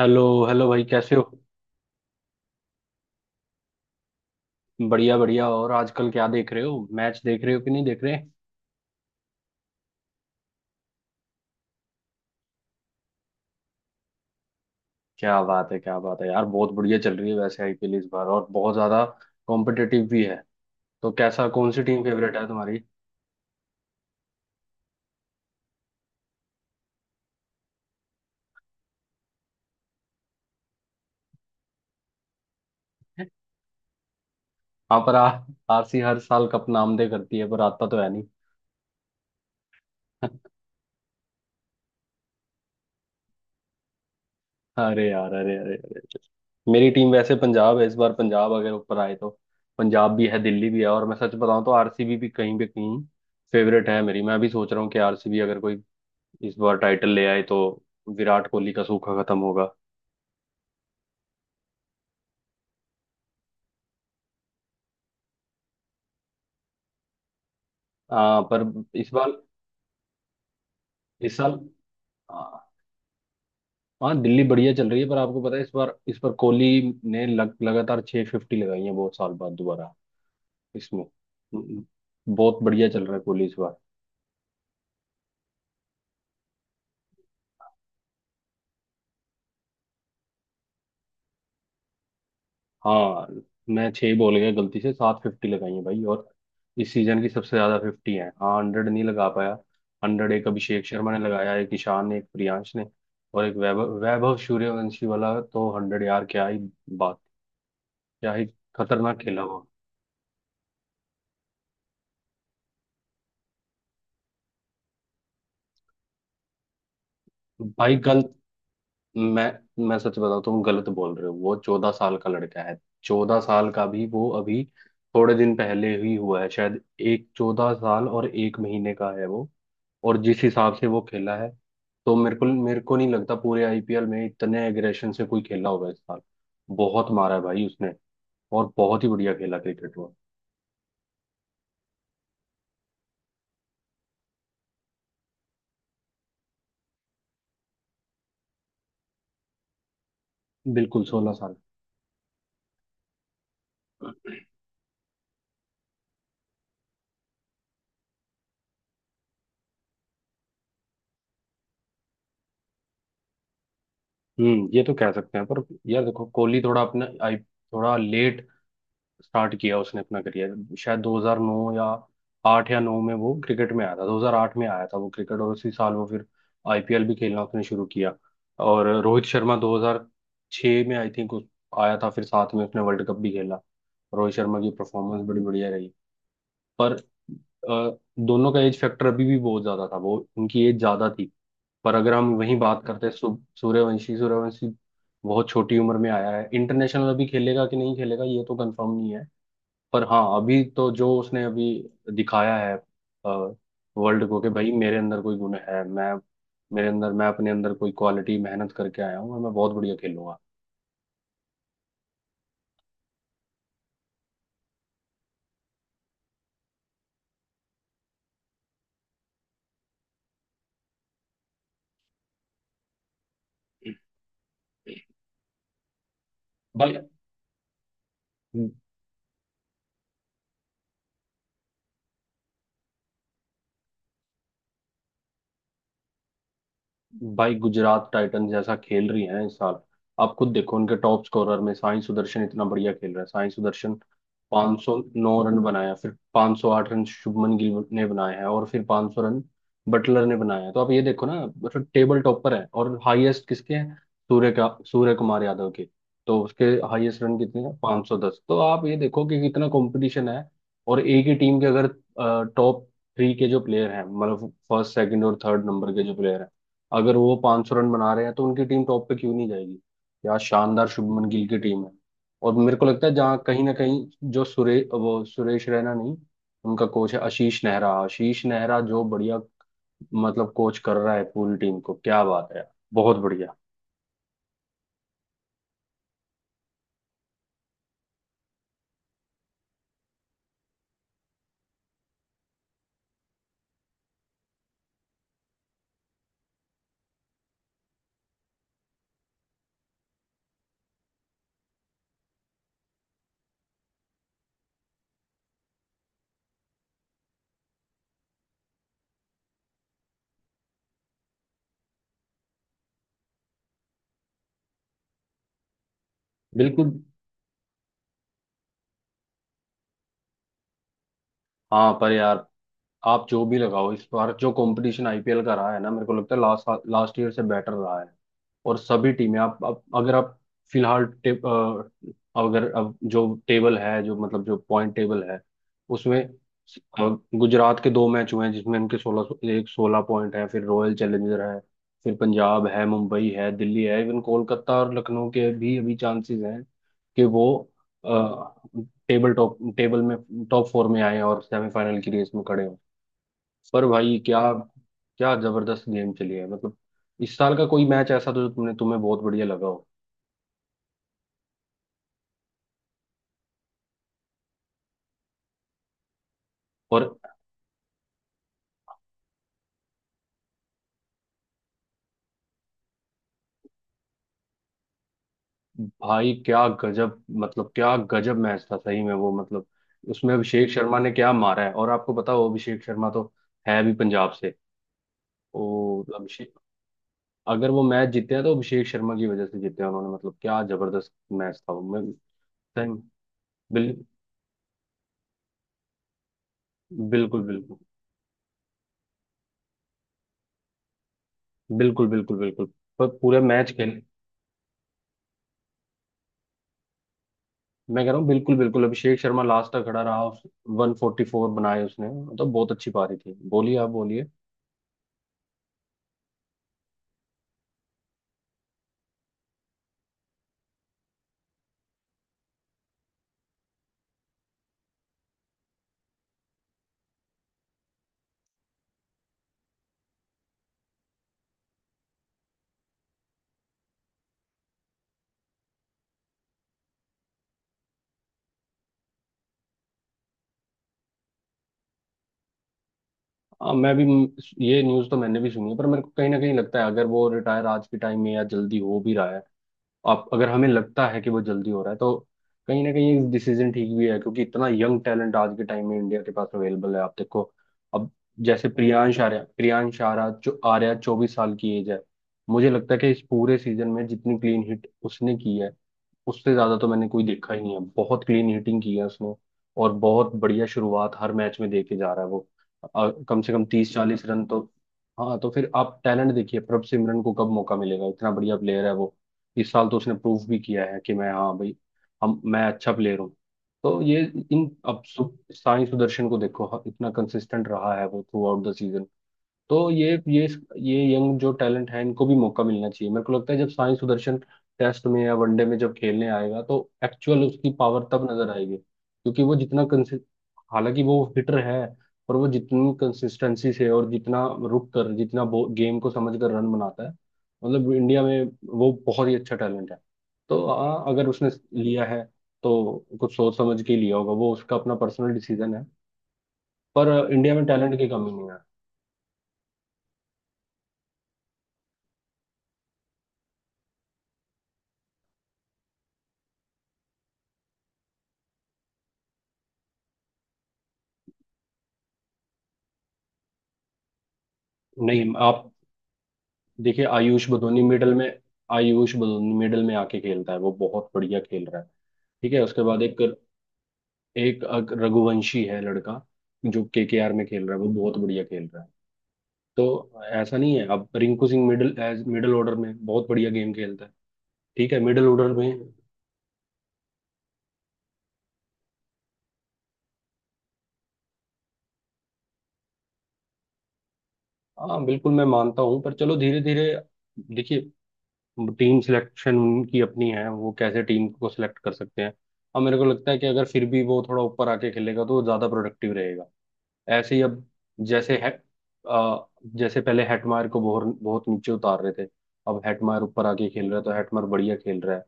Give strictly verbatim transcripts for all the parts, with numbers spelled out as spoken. Hello hello भाई कैसे हो। बढ़िया बढ़िया। और आजकल क्या देख रहे हो, मैच देख रहे हो कि नहीं देख रहे। क्या बात है क्या बात है यार, बहुत बढ़िया चल रही है वैसे आईपीएल इस बार, और बहुत ज्यादा कॉम्पिटिटिव भी है। तो कैसा कौन सी टीम फेवरेट है तुम्हारी। हाँ पर आ- आरसी हर साल कप नामदे करती है पर आता तो है नहीं। अरे यार, अरे अरे अरे मेरी टीम वैसे पंजाब है, इस बार पंजाब अगर ऊपर आए तो। पंजाब भी है, दिल्ली भी है, और मैं सच बताऊं तो आरसीबी भी कहीं पे कहीं फेवरेट है मेरी। मैं भी सोच रहा हूँ कि आरसीबी अगर कोई इस बार टाइटल ले आए तो विराट कोहली का सूखा खत्म होगा। आ, पर इस बार, इस साल आ, हाँ दिल्ली बढ़िया चल रही है। पर आपको पता है इस बार, इस बार कोहली ने लग, लगातार छह फिफ्टी लगाई है बहुत साल बाद दोबारा इसमें। हम्म, हम्म, बहुत बढ़िया चल रहा है कोहली इस बार। हाँ मैं छह बॉल गया गलती से, सात फिफ्टी लगाई है भाई, और इस सीजन की सबसे ज्यादा फिफ्टी है। हाँ हंड्रेड नहीं लगा पाया। हंड्रेड एक अभिषेक शर्मा ने लगाया, एक ईशान ने, एक प्रियांश ने, और एक वैभव, वैभव सूर्यवंशी वाला। तो हंड्रेड यार, क्या ही बात, क्या ही खतरनाक खेला वो। भाई गलत, मैं मैं सच बताऊं तुम गलत बोल रहे हो, वो चौदह साल का लड़का है। चौदह साल का भी वो अभी थोड़े दिन पहले ही हुआ है शायद, एक चौदह साल और एक महीने का है वो। और जिस हिसाब से वो खेला है, तो मेरे को मेरे को नहीं लगता पूरे आईपीएल में इतने एग्रेशन से कोई खेला होगा इस साल। बहुत मारा है भाई उसने, और बहुत ही बढ़िया खेला क्रिकेट वो। बिल्कुल सोलह साल। हम्म, ये तो कह सकते हैं, पर यार देखो कोहली थोड़ा अपना आई थोड़ा लेट स्टार्ट किया उसने अपना करियर, शायद दो हज़ार नौ या आठ या नौ में वो क्रिकेट में आया था। दो हज़ार आठ में आया था वो क्रिकेट, और उसी साल वो फिर आईपीएल भी खेलना उसने शुरू किया। और रोहित शर्मा दो हज़ार छह में आई थिंक आया था, फिर साथ में उसने वर्ल्ड कप भी खेला। रोहित शर्मा की परफॉर्मेंस बड़ी बढ़िया रही। पर अ, दोनों का एज फैक्टर अभी भी बहुत ज्यादा था, वो उनकी एज ज्यादा थी। पर अगर हम वही बात करते हैं सु- सूर्यवंशी, सूर्यवंशी बहुत छोटी उम्र में आया है। इंटरनेशनल अभी खेलेगा कि नहीं खेलेगा ये तो कंफर्म नहीं है, पर हाँ अभी तो जो उसने अभी दिखाया है वर्ल्ड को कि भाई मेरे अंदर कोई गुण है, मैं मेरे अंदर मैं अपने अंदर कोई क्वालिटी मेहनत करके आया हूँ और मैं बहुत बढ़िया खेलूंगा। भाई भाई गुजरात टाइटंस जैसा खेल रही हैं इस साल, आप खुद देखो। उनके टॉप स्कोरर में साई सुदर्शन इतना बढ़िया खेल रहा है, साई सुदर्शन पाँच सौ नौ रन बनाया। फिर पाँच सौ आठ रन शुभमन गिल ने बनाए हैं, और फिर पाँच सौ रन बटलर ने बनाए हैं। तो आप ये देखो ना, मतलब टेबल टॉपर है। और हाईएस्ट किसके हैं, सूर्य का, सूर्य कुमार यादव के। तो उसके हाईएस्ट रन कितने हैं, पाँच सौ दस। तो आप ये देखो कि कितना कंपटीशन है। और एक ही टीम के अगर टॉप थ्री के जो प्लेयर हैं, मतलब फर्स्ट सेकंड और थर्ड नंबर के जो प्लेयर हैं, अगर वो पाँच सौ रन बना रहे हैं तो उनकी टीम टॉप पे क्यों नहीं जाएगी। क्या शानदार शुभमन गिल की टीम है। और मेरे को लगता है जहाँ कहीं ना कहीं जो सुरे, वो सुरेश रैना नहीं, उनका कोच है आशीष नेहरा। आशीष नेहरा जो बढ़िया मतलब कोच कर रहा है पूरी टीम को, क्या बात है यार, बहुत बढ़िया। बिल्कुल। हाँ पर यार आप जो भी लगाओ, इस बार जो कंपटीशन आईपीएल का रहा है ना, मेरे को लगता है लास्ट, लास्ट ईयर से बेटर रहा है। और सभी टीमें आप, आप अगर आप फिलहाल टे, अ, अगर अब जो टेबल है, जो मतलब जो पॉइंट टेबल है उसमें, अ, गुजरात के दो मैच हुए हैं जिसमें उनके सोलह एक सोलह पॉइंट है। फिर रॉयल चैलेंजर है, फिर पंजाब है, मुंबई है, दिल्ली है, इवन कोलकाता और लखनऊ के भी अभी चांसेस हैं कि वो टेबल टॉप टेबल में टॉप फोर में आए और सेमीफाइनल की रेस में खड़े हों। पर भाई क्या, क्या जबरदस्त गेम चली है मतलब। इस साल का कोई मैच ऐसा तो जो तुमने, तुम्हें बहुत बढ़िया लगा हो। और भाई क्या गजब, मतलब क्या गजब मैच था सही में वो, मतलब उसमें अभिषेक शर्मा ने क्या मारा है। और आपको पता हो, अभिषेक शर्मा तो है भी पंजाब से। ओ अभिषेक, अगर वो मैच जीते हैं तो अभिषेक शर्मा की वजह से जीते हैं उन्होंने। मतलब क्या जबरदस्त मैच था वो, मैं सही। बिल, बिल्कुल बिल्कुल बिल्कुल बिल्कुल बिल्कुल पर पूरे मैच खेल, मैं कह रहा हूँ बिल्कुल, बिल्कुल अभिषेक शर्मा लास्ट तक खड़ा रहा, उस वन फोर्टी फोर बनाए उसने, मतलब बहुत अच्छी पारी थी। बोलिए आप, बोलिए। हाँ, मैं भी ये न्यूज़ तो मैंने भी सुनी है। पर मेरे को कहीं ना कहीं लगता है, अगर वो रिटायर आज के टाइम में या जल्दी हो भी रहा है, आप अगर हमें लगता है कि वो जल्दी हो रहा है, तो कहीं ना कहीं डिसीजन ठीक भी है। क्योंकि इतना यंग टैलेंट आज के टाइम में इंडिया के पास अवेलेबल है, आप देखो अब। जैसे प्रियांश आर्या, प्रियांश आर्या जो आर्या चौबीस साल की एज है, मुझे लगता है कि इस पूरे सीजन में जितनी क्लीन हिट उसने की है, उससे ज्यादा तो मैंने कोई देखा ही नहीं है। बहुत क्लीन हिटिंग की है उसने, और बहुत बढ़िया शुरुआत हर मैच में दे के जा रहा है वो। अ, कम से कम तीस चालीस रन तो। हाँ तो फिर आप टैलेंट देखिए, प्रभ सिमरन को कब मौका मिलेगा, इतना बढ़िया प्लेयर है वो। इस साल तो उसने प्रूव भी किया है कि मैं, हाँ भाई, हम मैं अच्छा प्लेयर हूँ। तो ये इन, अब सु- साई सुदर्शन को देखो, ह- इतना कंसिस्टेंट रहा है वो थ्रू आउट द सीजन। तो ये ये ये यंग जो टैलेंट है इनको भी मौका मिलना चाहिए। मेरे को लगता है जब साई सुदर्शन टेस्ट में या वनडे में जब खेलने आएगा, तो एक्चुअल उसकी पावर तब नजर आएगी। क्योंकि वो जितना कंसि, हालांकि वो हिटर है, पर वो जितनी कंसिस्टेंसी से और जितना रुक कर, जितना गेम को समझ कर रन बनाता है, मतलब इंडिया में वो बहुत ही अच्छा टैलेंट है। तो हाँ, अगर उसने लिया है तो कुछ सोच समझ के ही लिया होगा, वो उसका अपना पर्सनल डिसीजन है। पर इंडिया में टैलेंट की कमी नहीं है। नहीं आप देखिए, आयुष बदोनी मिडल में आयुष बदोनी मिडल में आके खेलता है, वो बहुत बढ़िया खेल रहा है। ठीक है, उसके बाद एक एक अग- रघुवंशी है लड़का, जो के के आर में खेल रहा है वो बहुत बढ़िया खेल रहा है। तो ऐसा नहीं है। अब Rinku Singh middle age, middle order में बहुत बढ़िया गेम खेलता है, ठीक है मिडल ऑर्डर में। हाँ बिल्कुल मैं मानता हूँ, पर चलो धीरे धीरे देखिए। टीम सिलेक्शन उनकी अपनी है, वो कैसे टीम को सिलेक्ट कर सकते हैं। अब मेरे को लगता है कि अगर फिर भी वो थोड़ा ऊपर आके खेलेगा तो वो ज्यादा प्रोडक्टिव रहेगा। ऐसे ही अब जैसे है, आ, जैसे पहले हेटमायर को बहुत बहुत नीचे उतार रहे थे, अब हेटमायर ऊपर आके खेल रहा है तो हेटमायर बढ़िया खेल रहा है।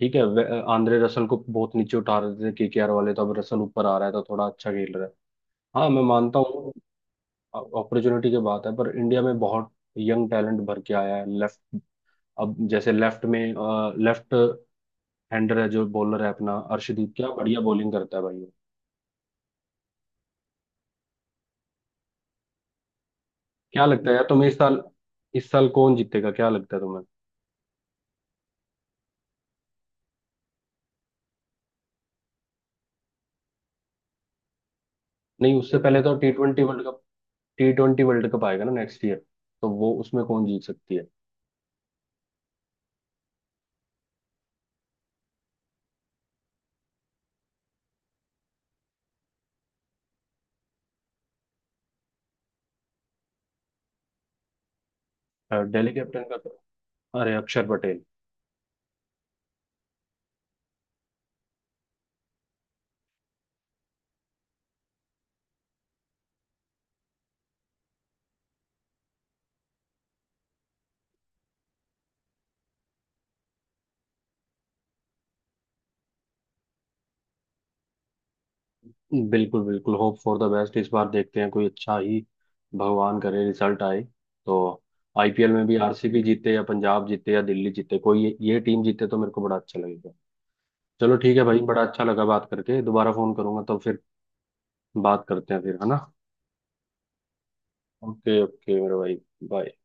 ठीक है। वे- आंद्रे रसल को बहुत नीचे उठा रहे थे केकेआर वाले, तो अब रसल ऊपर आ रहा है तो थोड़ा अच्छा खेल रहा है। हाँ मैं मानता हूँ, अपॉर्चुनिटी की बात है। पर इंडिया में बहुत यंग टैलेंट भर के आया है। लेफ्ट, अब जैसे लेफ्ट में, लेफ्ट हैंडर है जो बॉलर है अपना अर्शदीप, क्या बढ़िया बॉलिंग करता है भाई वो। क्या लगता है यार तुम्हें इस साल, इस साल कौन जीतेगा, क्या लगता है तुम्हें। नहीं, उससे पहले तो T twenty world cup, T twenty world cup आएगा ना नेक्स्ट ईयर, तो वो उसमें कौन जीत सकती है। अ, दिल्ली कैपिटन का तो, अरे अक्षर पटेल। बिल्कुल बिल्कुल, होप फॉर द बेस्ट, इस बार देखते हैं कोई अच्छा ही, भगवान करे रिजल्ट आए। तो आईपीएल में भी आरसीबी जीते या पंजाब जीते या दिल्ली जीते, कोई ये, ये टीम जीते तो मेरे को बड़ा अच्छा लगेगा। चलो ठीक है भाई, बड़ा अच्छा लगा बात करके, दोबारा फोन करूंगा तो फिर बात करते हैं, फिर है ना। ओके ओके मेरे भाई, बाय।